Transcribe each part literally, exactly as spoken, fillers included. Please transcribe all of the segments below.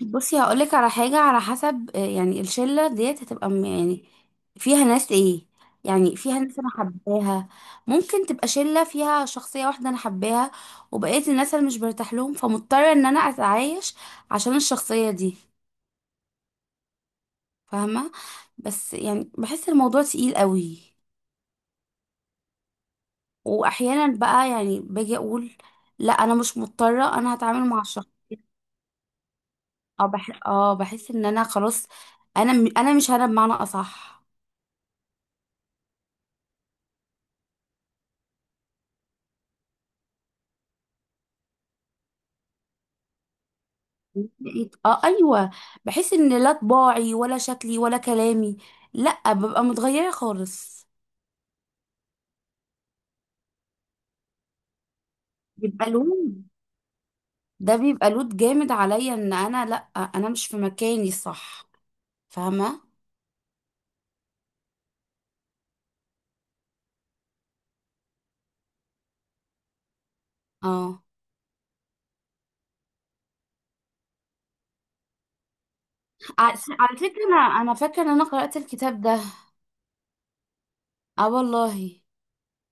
بصي هقولك على حاجة على حسب آه، يعني الشلة ديت هتبقى م- يعني فيها ناس ايه. يعني فيها ناس انا حباها. ممكن تبقى شلة فيها شخصية واحدة انا حباها. وبقية الناس انا مش برتاح لهم، فمضطرة ان انا اتعايش عشان الشخصية دي. فاهمة؟ بس يعني بحس الموضوع تقيل قوي. واحيانا بقى يعني باجي اقول، لا انا مش مضطرة، انا هتعامل مع الشخص. اه بح... اه بحس ان انا خلاص. انا م... انا مش انا بمعنى اصح. بقيت اه ايوه. بحس ان لا طباعي ولا شكلي ولا كلامي، لا ببقى متغيره خالص. بيبقى لود. ده بيبقى لود جامد عليا ان انا لا، انا مش في مكاني الصح. فاهمه؟ اه، على على فكره، انا انا فاكره ان انا قرات الكتاب ده. اه، والله.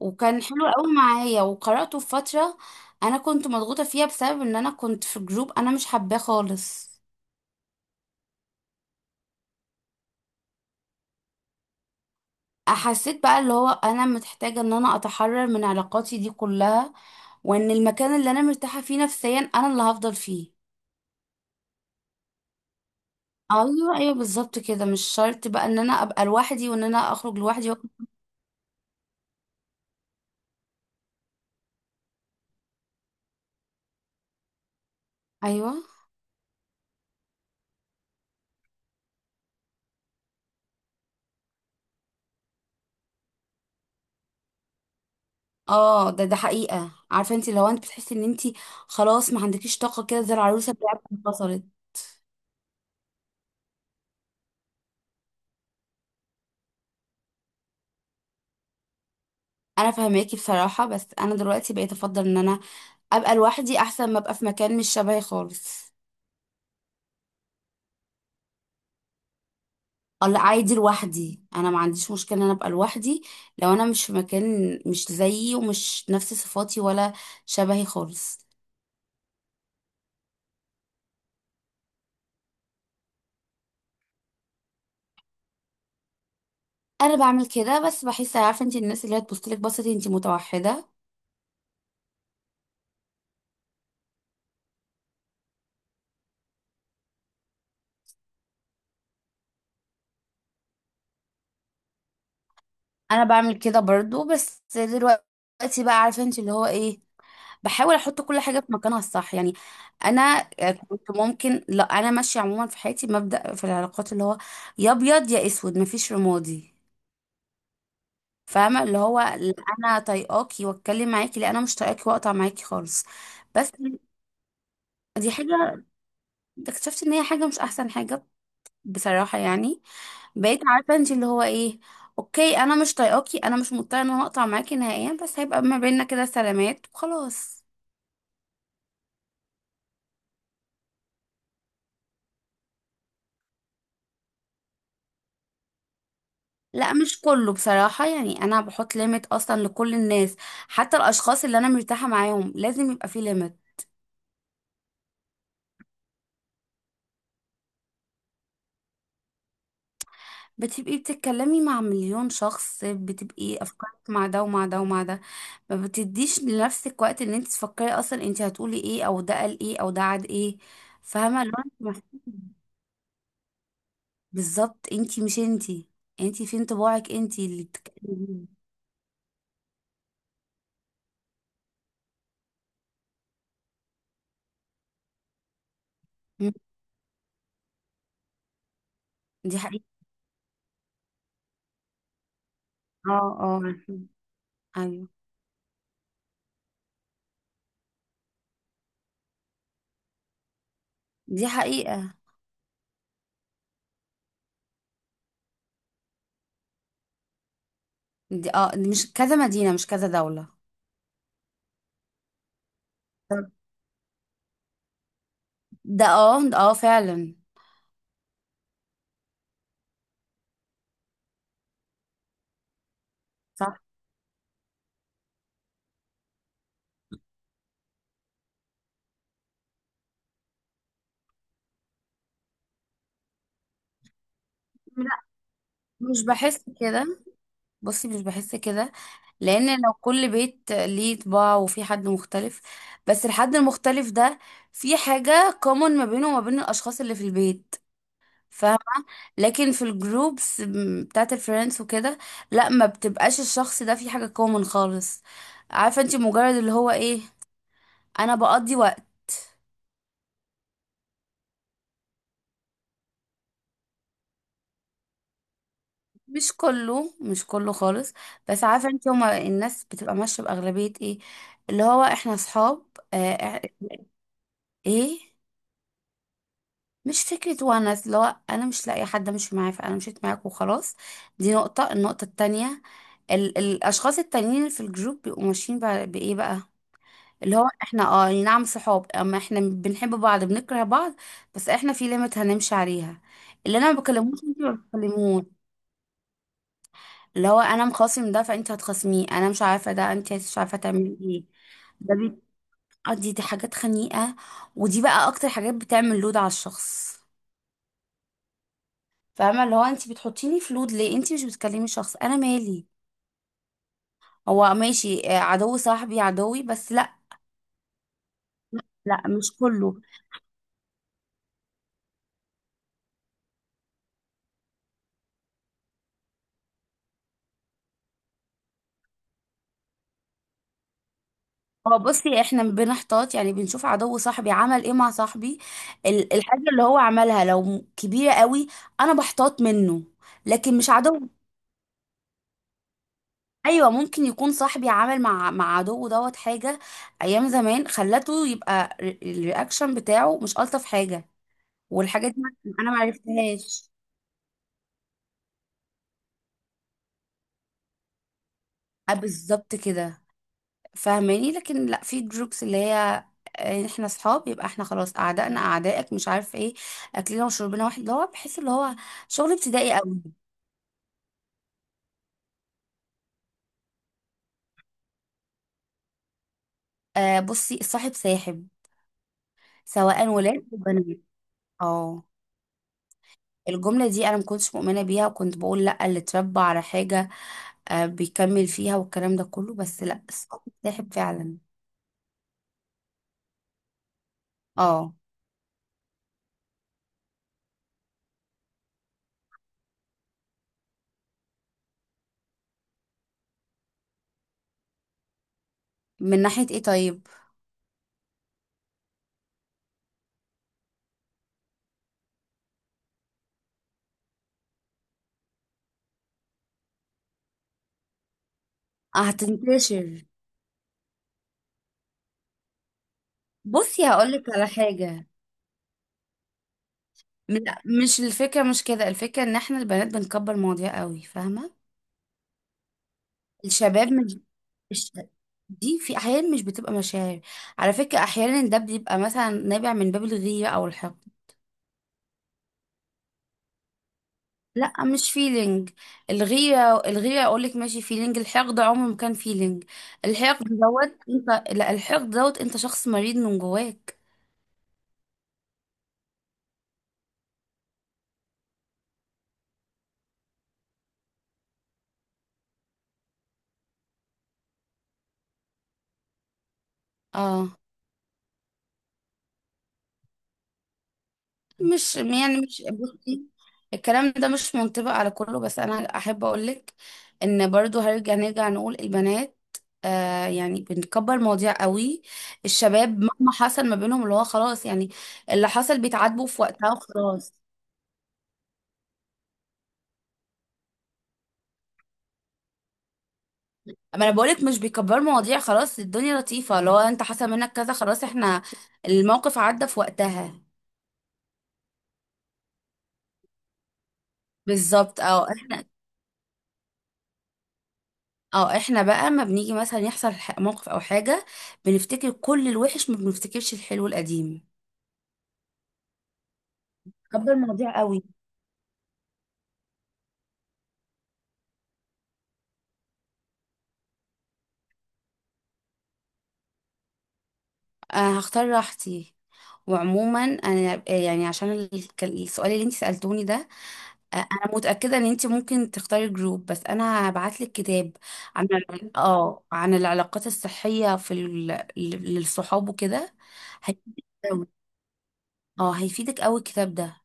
وكان حلو قوي معايا وقراته في فتره انا كنت مضغوطه فيها، بسبب ان انا كنت في جروب انا مش حباه خالص. حسيت بقى اللي هو انا محتاجه ان انا اتحرر من علاقاتي دي كلها، وان المكان اللي انا مرتاحه فيه نفسيا انا اللي هفضل فيه. ايوه، ايوه، بالظبط كده مش شرط بقى ان انا ابقى لوحدي وان انا اخرج لوحدي و... ايوه. اه، ده ده حقيقه، عارفه انت؟ لو انت بتحسي ان انت خلاص ما عندكيش طاقه كده، زي العروسه بتاعتك انفصلت. انا فهماكي بصراحه، بس انا دلوقتي بقيت افضل ان انا ابقى لوحدي احسن ما ابقى في مكان مش شبهي خالص. اه، لا، عادي لوحدي، انا ما عنديش مشكله ان انا ابقى لوحدي لو انا مش في مكان مش زيي ومش نفس صفاتي ولا شبهي خالص. انا بعمل كده، بس بحس عارفه انت؟ الناس اللي هي تبص لك بصتي انت متوحده. انا بعمل كده برضو، بس دلوقتي بقى عارفه انت اللي هو ايه. بحاول احط كل حاجه في مكانها الصح يعني. انا كنت ممكن، لا، انا ماشيه عموما في حياتي مبدأ في العلاقات اللي هو يا ابيض يا اسود، مفيش رمادي. فاهمه؟ اللي هو لا انا طايقاكي واتكلم معاكي، لا انا مش طايقاكي واقطع معاكي خالص. بس دي حاجه اكتشفت ان هي حاجه مش احسن حاجه بصراحه يعني. بقيت عارفه انت اللي هو ايه، اوكي انا مش طايقاكي، انا مش مضطره ان انا اقطع معاكي نهائيا، بس هيبقى ما بيننا كده سلامات وخلاص. لا، مش كله بصراحة، يعني أنا بحط ليميت أصلا لكل الناس، حتى الأشخاص اللي أنا مرتاحة معاهم لازم يبقى في ليميت. بتبقي بتتكلمي مع مليون شخص، بتبقي أفكارك مع ده ومع ده ومع ده. ما بتديش لنفسك وقت ان انت تفكري اصلا انت هتقولي ايه، او ده قال ايه، او ده عاد ايه. فاهمه؟ اللي هو انت محسوسة، بالظبط انت مش انت، انت فين طباعك انت اللي بتتكلمي بيه. مم. دي حقيقه. اه. اه، عارفين. ايوه. دي حقيقه. دي اه دي مش كذا مدينه، مش كذا دوله. طب. ده اه ده اه فعلا. صح. لا، مش بحس كده. بصي، مش بحس كده. لان لو كل بيت ليه طباع وفي حد مختلف، بس الحد المختلف ده في حاجة common ما بينه وما بين الاشخاص اللي في البيت. فاهمة؟ لكن في الجروبس بتاعت الفريندز وكده، لا ما بتبقاش الشخص ده في حاجة common خالص. عارفة انت مجرد اللي هو ايه، انا بقضي وقت. مش كله، مش كله خالص. بس عارفة انت؟ هما الناس بتبقى ماشية بأغلبية ايه، اللي هو احنا اصحاب. آه. ايه. مش فكرة ونس، لو أنا مش لاقي حد أمشي معاه فأنا مشيت معاك وخلاص. دي نقطة، النقطة التانية، ال الأشخاص التانيين اللي في الجروب بيبقوا ماشيين بع- بإيه بقى، اللي هو احنا، اه أي نعم صحاب، اما احنا بنحب بعض بنكره بعض، بس احنا في ليميت هنمشي عليها، اللي انا ما بكلموش انت ما بتكلموه. اللي هو انا مخاصم ده فانت هتخاصميه، انا مش عارفه، ده انت مش عارفه تعملي ايه. ده بيقضي، دي دي حاجات خنيقه، ودي بقى اكتر حاجات بتعمل لود على الشخص. فاهمه؟ اللي هو انت بتحطيني في لود ليه؟ انت مش بتكلمي شخص انا مالي، هو ماشي، آه، عدو صاحبي عدوي، بس لا. لا مش كله. هو بصي، احنا بنحتاط يعني بنشوف عدو صاحبي عمل ايه مع صاحبي، ال- الحاجه اللي هو عملها لو م- كبيره قوي، انا بحتاط منه لكن مش عدو. ايوه، ممكن يكون صاحبي عمل مع مع عدوه دوت حاجه ايام زمان، خلته يبقى ر- الرياكشن بتاعه مش الطف حاجه. والحاجات دي انا ما عرفتهاش. آه، بالظبط كده. فاهماني؟ لكن لا، في جروبس اللي هي آه، احنا صحاب يبقى احنا خلاص، اعدائنا اعدائك مش عارف ايه، اكلنا وشربنا واحد، اللي هو بحس اللي هو شغل ابتدائي قوي. آه، بصي الصاحب ساحب، سواء ولاد او بنات. اه. الجمله دي انا ما كنتش مؤمنه بيها، وكنت بقول لا، اللي اتربى على حاجه آه بيكمل فيها والكلام ده كله، بس لا، الصاحب ساحب فعلا. اه. من ناحيه ايه طيب؟ آه، هتنتشر. بصي، هقولك على حاجه. لا، مش الفكرة، مش كده الفكرة، ان احنا البنات بنكبر مواضيع قوي، فاهمة؟ الشباب مش مش- دي في احيان مش بتبقى مشاعر. على فكرة احيانا ده بيبقى مثلا نابع من باب الغيرة او الحقد. لا مش فيلينج. الغيرة، الغيرة اقول لك ماشي فيلينج، الحقد عمره ما كان فيلينج. الحقد دوت انت، لا، الحقد دوت انت شخص مريض من جواك. اه، مش يعني، مش، بصي، الكلام ده مش منطبق على كله، بس انا احب اقولك ان برضو هرجع نرجع نقول البنات آه يعني بنكبر مواضيع قوي. الشباب مهما حصل ما بينهم اللي هو خلاص يعني، اللي حصل بيتعاتبوا في وقتها وخلاص. اما انا بقولك مش بيكبروا مواضيع، خلاص الدنيا لطيفة، اللي هو انت حصل منك كذا خلاص، احنا الموقف عدى في وقتها. بالظبط، اه احنا اه احنا بقى ما بنيجي مثلا يحصل ح- موقف او حاجة، بنفتكر كل الوحش ما بنفتكرش الحلو القديم. حابه المواضيع قوي. أنا هختار راحتي، وعموما انا آه، يعني عشان ال- كان السؤال اللي انت سألتوني ده، آه، انا متأكدة ان انت ممكن تختاري جروب، بس انا هبعت لك كتاب عن ال- اه عن العلاقات الصحية في ال... ل- للصحاب وكده. هيفيدك قوي. اه، هيفيدك قوي الكتاب ده.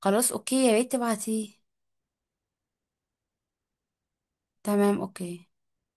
خلاص اوكي، يا ريت تبعتيه. تمام، اوكي.